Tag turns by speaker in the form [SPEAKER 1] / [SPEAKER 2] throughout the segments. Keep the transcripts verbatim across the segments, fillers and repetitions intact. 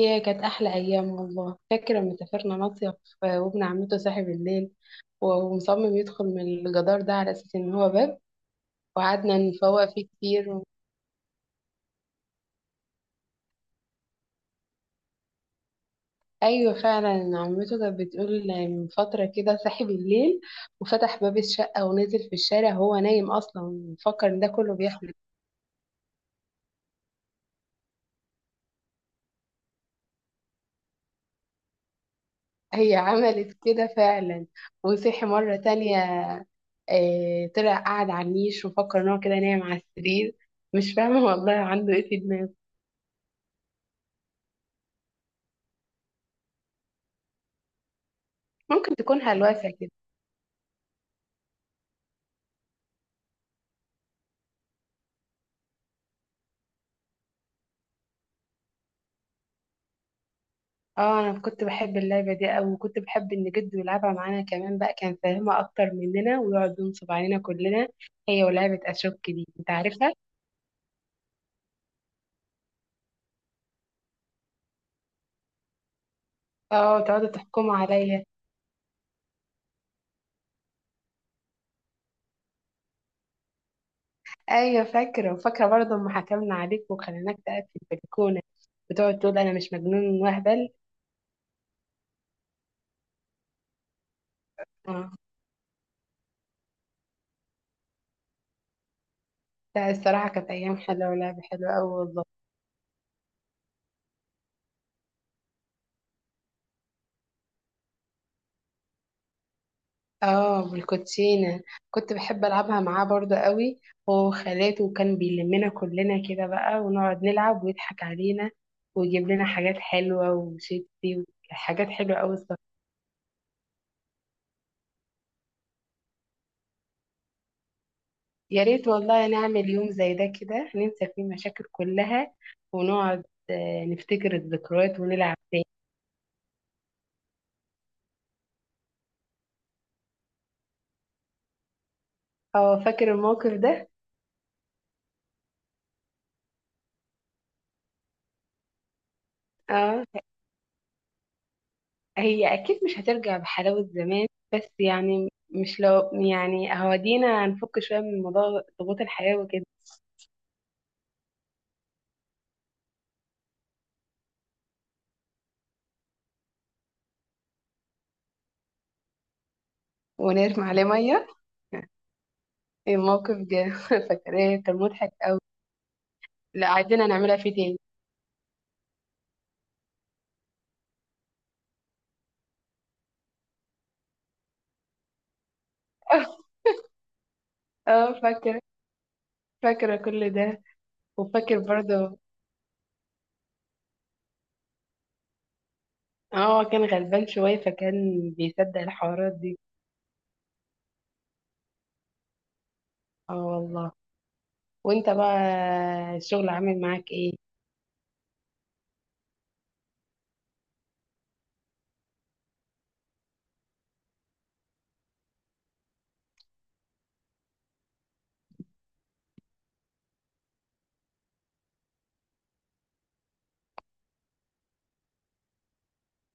[SPEAKER 1] هي كانت أحلى أيام والله. فاكرة لما سافرنا مصيف، وابن عمته صاحي بالليل، ومصمم يدخل من الجدار ده على أساس إن هو باب، وقعدنا نفوق فيه كتير. أيوة، فعلا عمته كانت بتقول من فترة كده صاحي بالليل وفتح باب الشقة ونزل في الشارع وهو نايم أصلا، مفكر إن ده كله بيحلم. هي عملت كده فعلا، وصحي مرة تانية. آه، طلع قعد على النيش وفكر إن هو كده نايم على السرير. مش فاهمة والله عنده إيه في دماغه. ممكن تكون هلوسة كده. اه، انا كنت بحب اللعبة دي اوي، وكنت بحب ان جده يلعبها معانا كمان بقى، كان فاهمها اكتر مننا ويقعد ينصب علينا كلنا. هي ولعبة اشوك دي انت عارفها؟ اه، تقعدوا تحكموا عليا. ايوه فاكرة، وفاكرة برضه اما حكمنا عليك وخليناك تقعد في البلكونة، وتقعد تقول انا مش مجنون وهبل. اه، لا الصراحة كانت ايام حلوة ولعبة حلوة اوي والله. اه، بالكوتشينة. كنت بحب ألعبها معاه برضه قوي. هو وخالاته، وكان بيلمنا كلنا كده بقى ونقعد نلعب ويضحك علينا. ويجيب لنا حاجات حلوة وشيبسي، وحاجات حلوة قوي الصراحة. يا ريت والله نعمل يوم زي ده كده ننسى فيه المشاكل كلها ونقعد، آه، نفتكر الذكريات ونلعب. اه، فاكر الموقف ده. اه، هي أكيد مش هترجع بحلاوة زمان. بس يعني مش لو يعني هودينا هنفك شوية من موضوع ضغوط الحياة وكده. ونرمي عليه ميه. الموقف جه فاكراه، كان مضحك. لا، عايزين نعملها فيه تاني. اه، فاكرة. فاكرة كل ده. وفاكر برضه. اه، كان غلبان شوية فكان بيصدق الحوارات دي. اه والله. وانت بقى الشغل عامل معاك ايه؟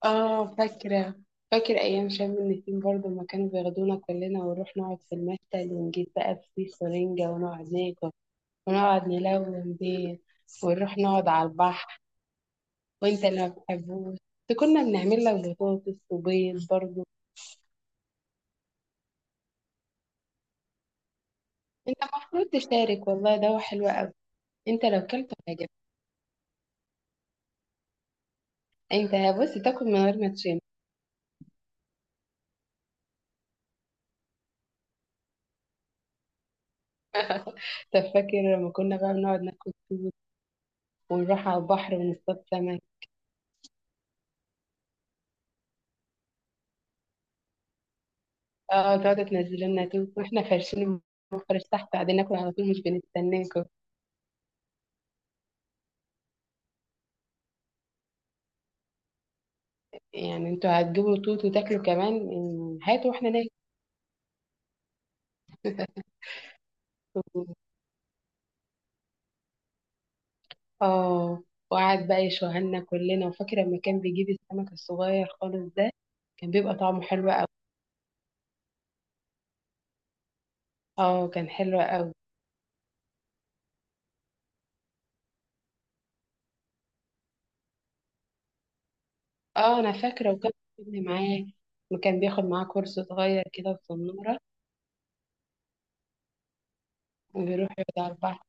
[SPEAKER 1] اه فاكرة. فاكر أيام شم النسيم برضه لما كانوا بياخدونا كلنا، ونروح نقعد في المشتل، ونجيب بقى فسيخ ورنجة ونقعد ناكل. ونقعد نلون بيه. ونروح نقعد على البحر. وانت اللي ما بتحبوش. كنا بنعمل لك بطاطس وبيض برضه. انت المفروض تشارك، والله ده هو حلو قوي. انت لو كلت هيعجبك. انت، بص تاكل من غير ما تشم. طب فاكر لما كنا بقى بنقعد ناكل. ونروح على البحر ونصطاد سمك. اه، تقعدوا تنزلوا لنا توت واحنا فرشين المفرش تحت قاعدين ناكل على طول، مش بنستناكم. يعني انتوا هتجيبوا توت وتاكلوا كمان؟ اه، هاتوا واحنا ناكل. اه، وقعد بقى يشوهنا كلنا. وفاكرة لما كان بيجيب السمك الصغير خالص ده، كان بيبقى طعمه حلو قوي. اه، كان حلو قوي. اه انا فاكرة، وكان بياخدني معاه. وكان بياخد معاه كرسي صغير كده وصنورة. وبيروح يقعد على البحر.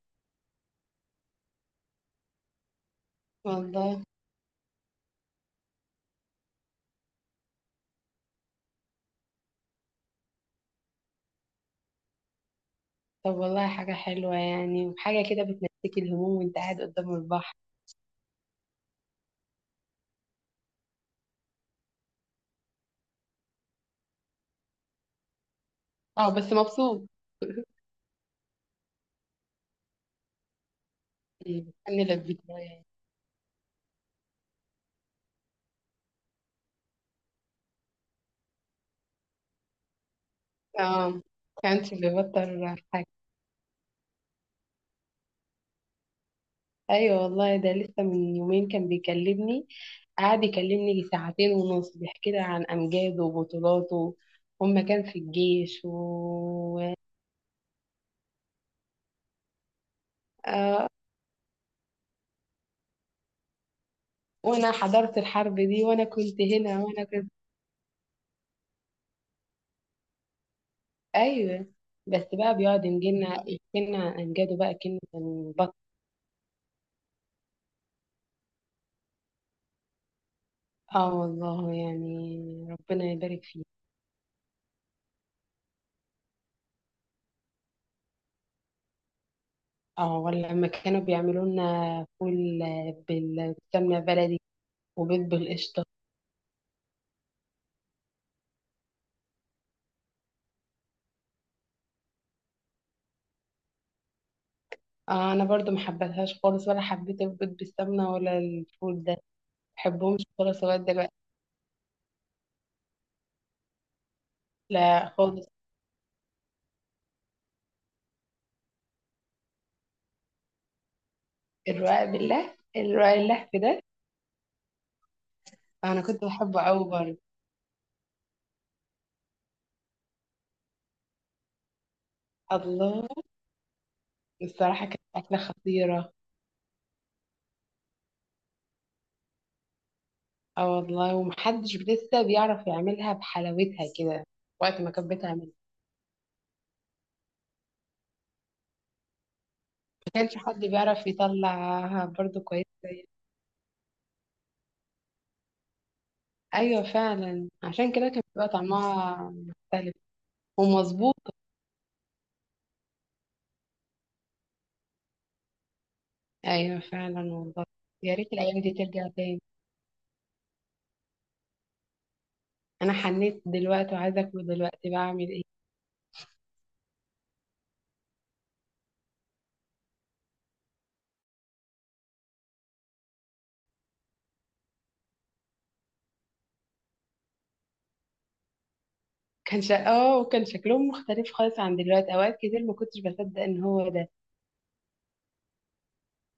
[SPEAKER 1] والله. طب والله حاجة حلوة يعني، وحاجة كده بتنسيك الهموم وانت قاعد قدام البحر. اه، بس مبسوط. إيه، كان لبيت يعني. اه، كانش بيبطل. ايوه والله، ده لسه من يومين كان بيكلمني. قعد يكلمني يجي ساعتين ونص بيحكي لي عن امجاده وبطولاته. هما كان في الجيش و آه، وانا حضرت الحرب دي وانا كنت هنا وانا كنت. ايوه، بس بقى بيقعد ينجلنا يحكي لنا عن امجاده بقى كلمة كان بط. اه والله، يعني ربنا يبارك فيه. اه، ولا لما كانوا بيعملوا لنا فول بال- بالسمنة بلدي وبيض بالقشطة. آه، انا برضو ما حبيتهاش خالص، ولا حبيت البيض بالسمنه ولا الفول، ده ما بحبهمش خالص لغايه دلوقتي. لا خالص، الرقاق بالله، الرقاق اللحف ده. انا كنت بحبه قوي برضه. الله. الصراحه كانت اكله خطيره. اه والله، ومحدش لسه بيعرف يعملها بحلاوتها كده. وقت ما كانت بتعمل، ما كانش حد بيعرف يطلعها برضه كويس. ايوه فعلا، عشان كده كان بيبقى طعمها مختلف ومظبوط. ايوه فعلا والله. يا ريت الايام دي ترجع تاني. انا حنيت دلوقتي وعايزه اكل، دلوقتي بعمل ايه؟ كان شا... اه وكان شكلهم مختلف خالص عن دلوقتي، اوقات كتير ما كنتش بصدق ان هو ده.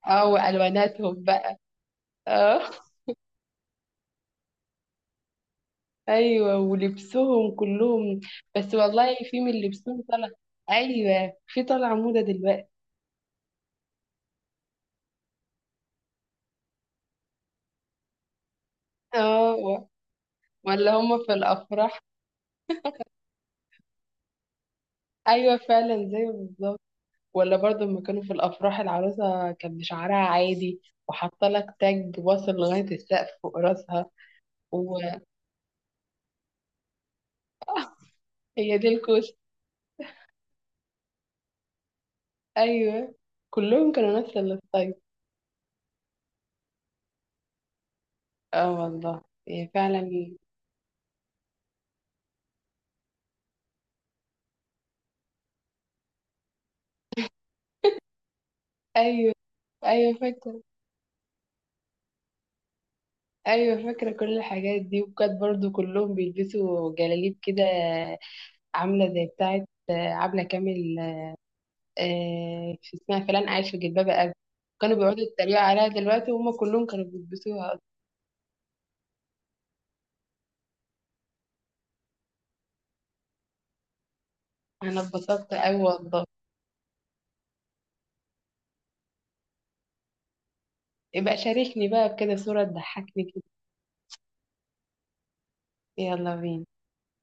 [SPEAKER 1] اه، والواناتهم بقى. اه، ايوه، ولبسهم كلهم. بس والله في من لبسهم طلع. ايوه، في طالعه موضه دلوقتي. اه، و- ولا هم في الافراح. ايوه فعلا زي بالظبط. ولا برضه، لما كانوا في الافراح العروسه كان بشعرها عادي، وحاطه لك تاج واصل لغايه السقف فوق راسها. وهي دي الكوسه. ايوه، كلهم كانوا نفس الستايل. اه والله. هي فعلا. ايوه، ايوه فاكره. ايوه فاكره كل الحاجات دي، وكانت برضو كلهم بيلبسوا جلاليب كده. عامله زي بتاعه آه، عبله كامل. آه، في اسمها فلان عايش في جلباب ابي. كانوا بيقعدوا يتريقوا عليها دلوقتي وهم كلهم كانوا بيلبسوها أصلاً. انا اتبسطت أوي والله. يبقى شاركني بقى بكده صوره تضحكني كده. يلا بينا.